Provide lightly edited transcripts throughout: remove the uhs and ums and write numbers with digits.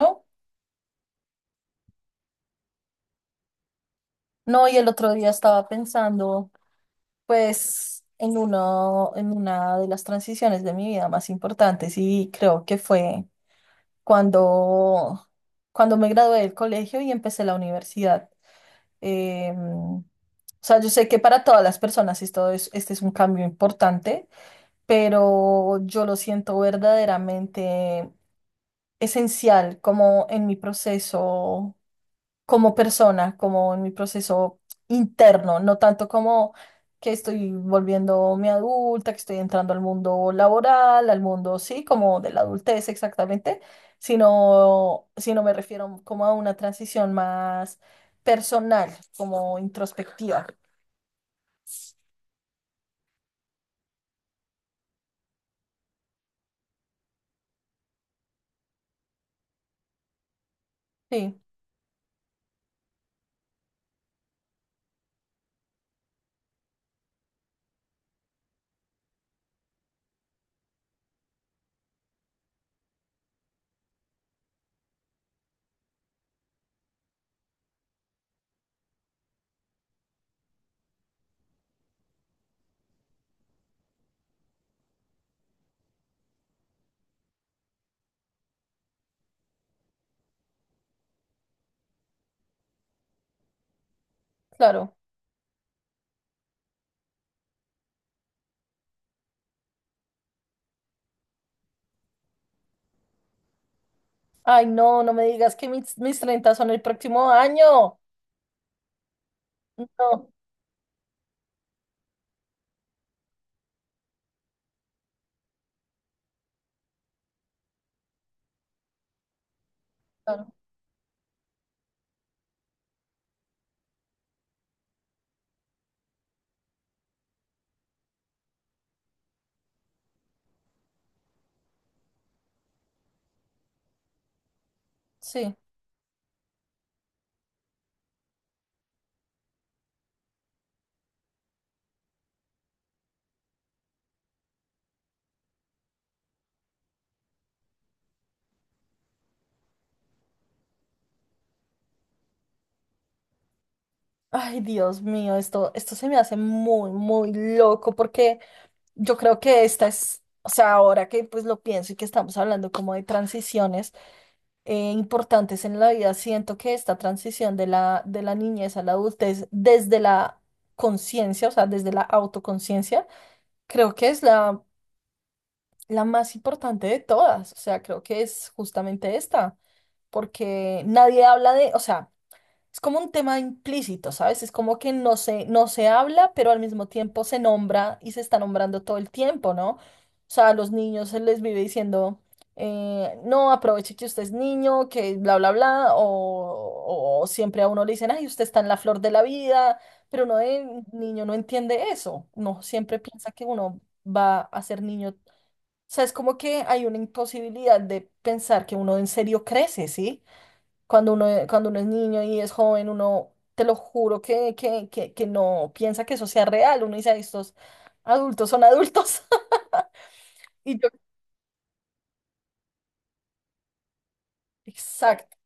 No, y el otro día estaba pensando, pues, en uno, en una de las transiciones de mi vida más importantes y creo que fue cuando, cuando me gradué del colegio y empecé la universidad. Em, o sea, yo sé que para todas las personas este es un cambio importante, pero yo lo siento verdaderamente esencial como en mi proceso, como persona, como en mi proceso interno, no tanto como que estoy volviéndome adulta, que estoy entrando al mundo laboral, al mundo, sí, como de la adultez exactamente, sino me refiero como a una transición más personal, como introspectiva. Sí, claro. Ay, no, no me digas que mis 30 son el próximo año. No, claro, sí. Ay, Dios mío, esto se me hace muy, muy loco porque yo creo que esta es, o sea, ahora que pues lo pienso y que estamos hablando como de transiciones, importantes en la vida, siento que esta transición de de la niñez a la adultez desde la conciencia, o sea, desde la autoconciencia, creo que es la más importante de todas, o sea, creo que es justamente esta, porque nadie habla de, o sea, es como un tema implícito, ¿sabes? Es como que no se habla, pero al mismo tiempo se nombra y se está nombrando todo el tiempo, ¿no? O sea, a los niños se les vive diciendo, no, aproveche que usted es niño, que bla, bla, bla, o siempre a uno le dicen, ay, usted está en la flor de la vida, pero uno de niño no entiende eso, no siempre piensa que uno va a ser niño. O sea, es como que hay una imposibilidad de pensar que uno en serio crece, ¿sí? Cuando uno es niño y es joven, uno, te lo juro que no piensa que eso sea real. Uno dice, "Ay, estos adultos son adultos." Y yo, exacto,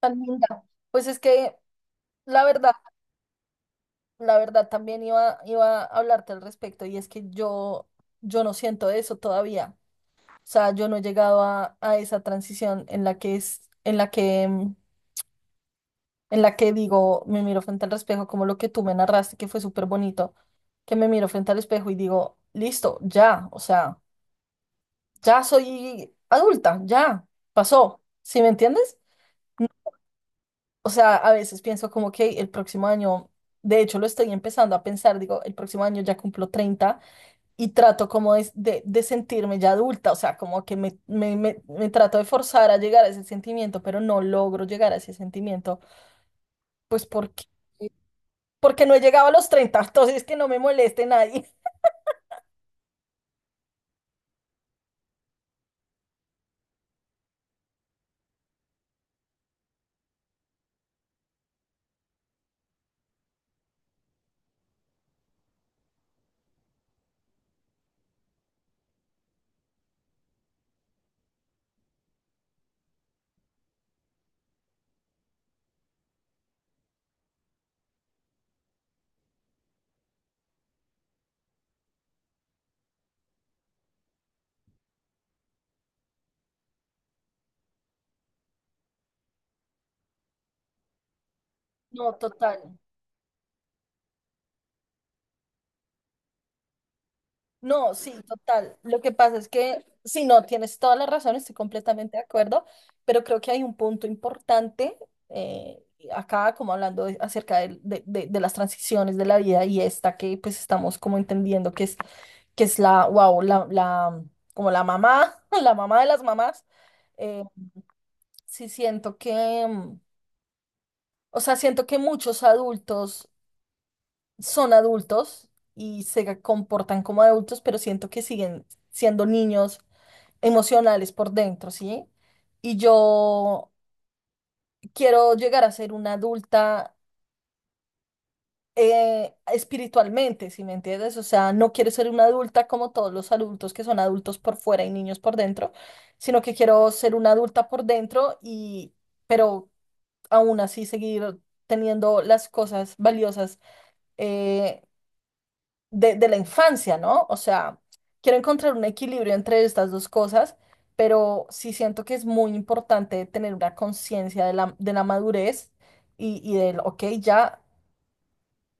tan linda. Pues es que la verdad, la verdad también iba a hablarte al respecto y es que yo no siento eso todavía. O sea, yo no he llegado a esa transición en en la que en la que digo, me miro frente al espejo, como lo que tú me narraste, que fue súper bonito, que me miro frente al espejo y digo, listo, ya, o sea, ya soy adulta, ya, pasó, ¿sí me entiendes? No, o sea, a veces pienso como que el próximo año, de hecho lo estoy empezando a pensar, digo, el próximo año ya cumplo 30 y trato como de sentirme ya adulta, o sea, como que me trato de forzar a llegar a ese sentimiento, pero no logro llegar a ese sentimiento, pues porque no he llegado a los 30, entonces que no me moleste nadie. No, total. No, sí, total. Lo que pasa es que, si no, tienes toda la razón, estoy completamente de acuerdo, pero creo que hay un punto importante, eh, acá, como hablando de- acerca de las transiciones de la vida y esta que pues estamos como entendiendo que es la, wow, la como la mamá, la mamá de las mamás. eh, sí siento que, o sea, siento que muchos adultos son adultos y se comportan como adultos, pero siento que siguen siendo niños emocionales por dentro, ¿sí? Y yo quiero llegar a ser una adulta, espiritualmente, ¿si me entiendes? O sea, no quiero ser una adulta como todos los adultos que son adultos por fuera y niños por dentro, sino que quiero ser una adulta por dentro y, pero aún así seguir teniendo las cosas valiosas eh, de la infancia, ¿no? O sea, quiero encontrar un equilibrio entre estas dos cosas, pero sí siento que es muy importante tener una conciencia de de la madurez y del, ok, ya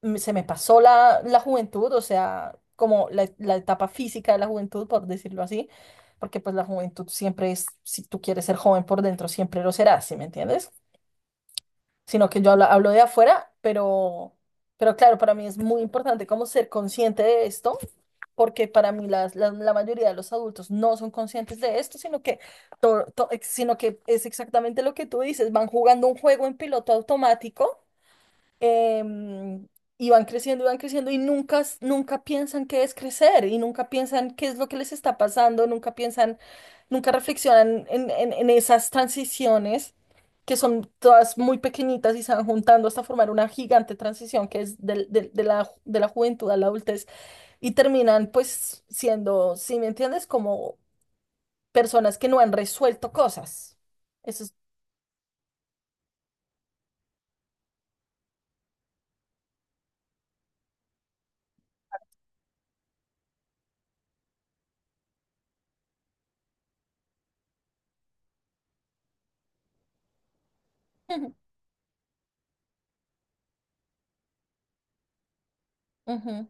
se me pasó la juventud, o sea, como la etapa física de la juventud, por decirlo así, porque pues la juventud siempre es, si tú quieres ser joven por dentro, siempre lo serás, ¿sí me entiendes? Sino que yo hablo, hablo de afuera, pero... Pero claro, para mí es muy importante como ser consciente de esto porque para mí la mayoría de los adultos no son conscientes de esto, sino que sino que es exactamente lo que tú dices, van jugando un juego en piloto automático, em, y van creciendo y van creciendo y nunca piensan qué es crecer y nunca piensan qué es lo que les está pasando, nunca piensan, nunca reflexionan en esas transiciones que son todas muy pequeñitas y se van juntando hasta formar una gigante transición que es de la juventud a la adultez y terminan pues siendo, si me entiendes, como personas que no han resuelto cosas. Eso es. Ujú, ujú.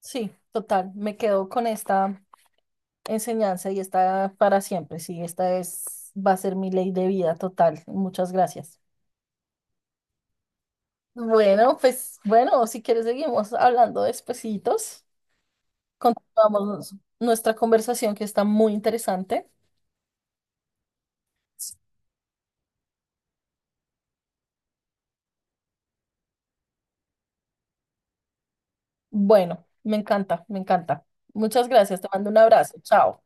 Sí, total, me quedo con esta enseñanza y está para siempre. Sí, esta es, va a ser mi ley de vida total. Muchas gracias. Bueno, pues bueno, si quieres seguimos hablando despesitos. Continuamos nuestra conversación que está muy interesante. Bueno, me encanta, me encanta. Muchas gracias, te mando un abrazo. Chao.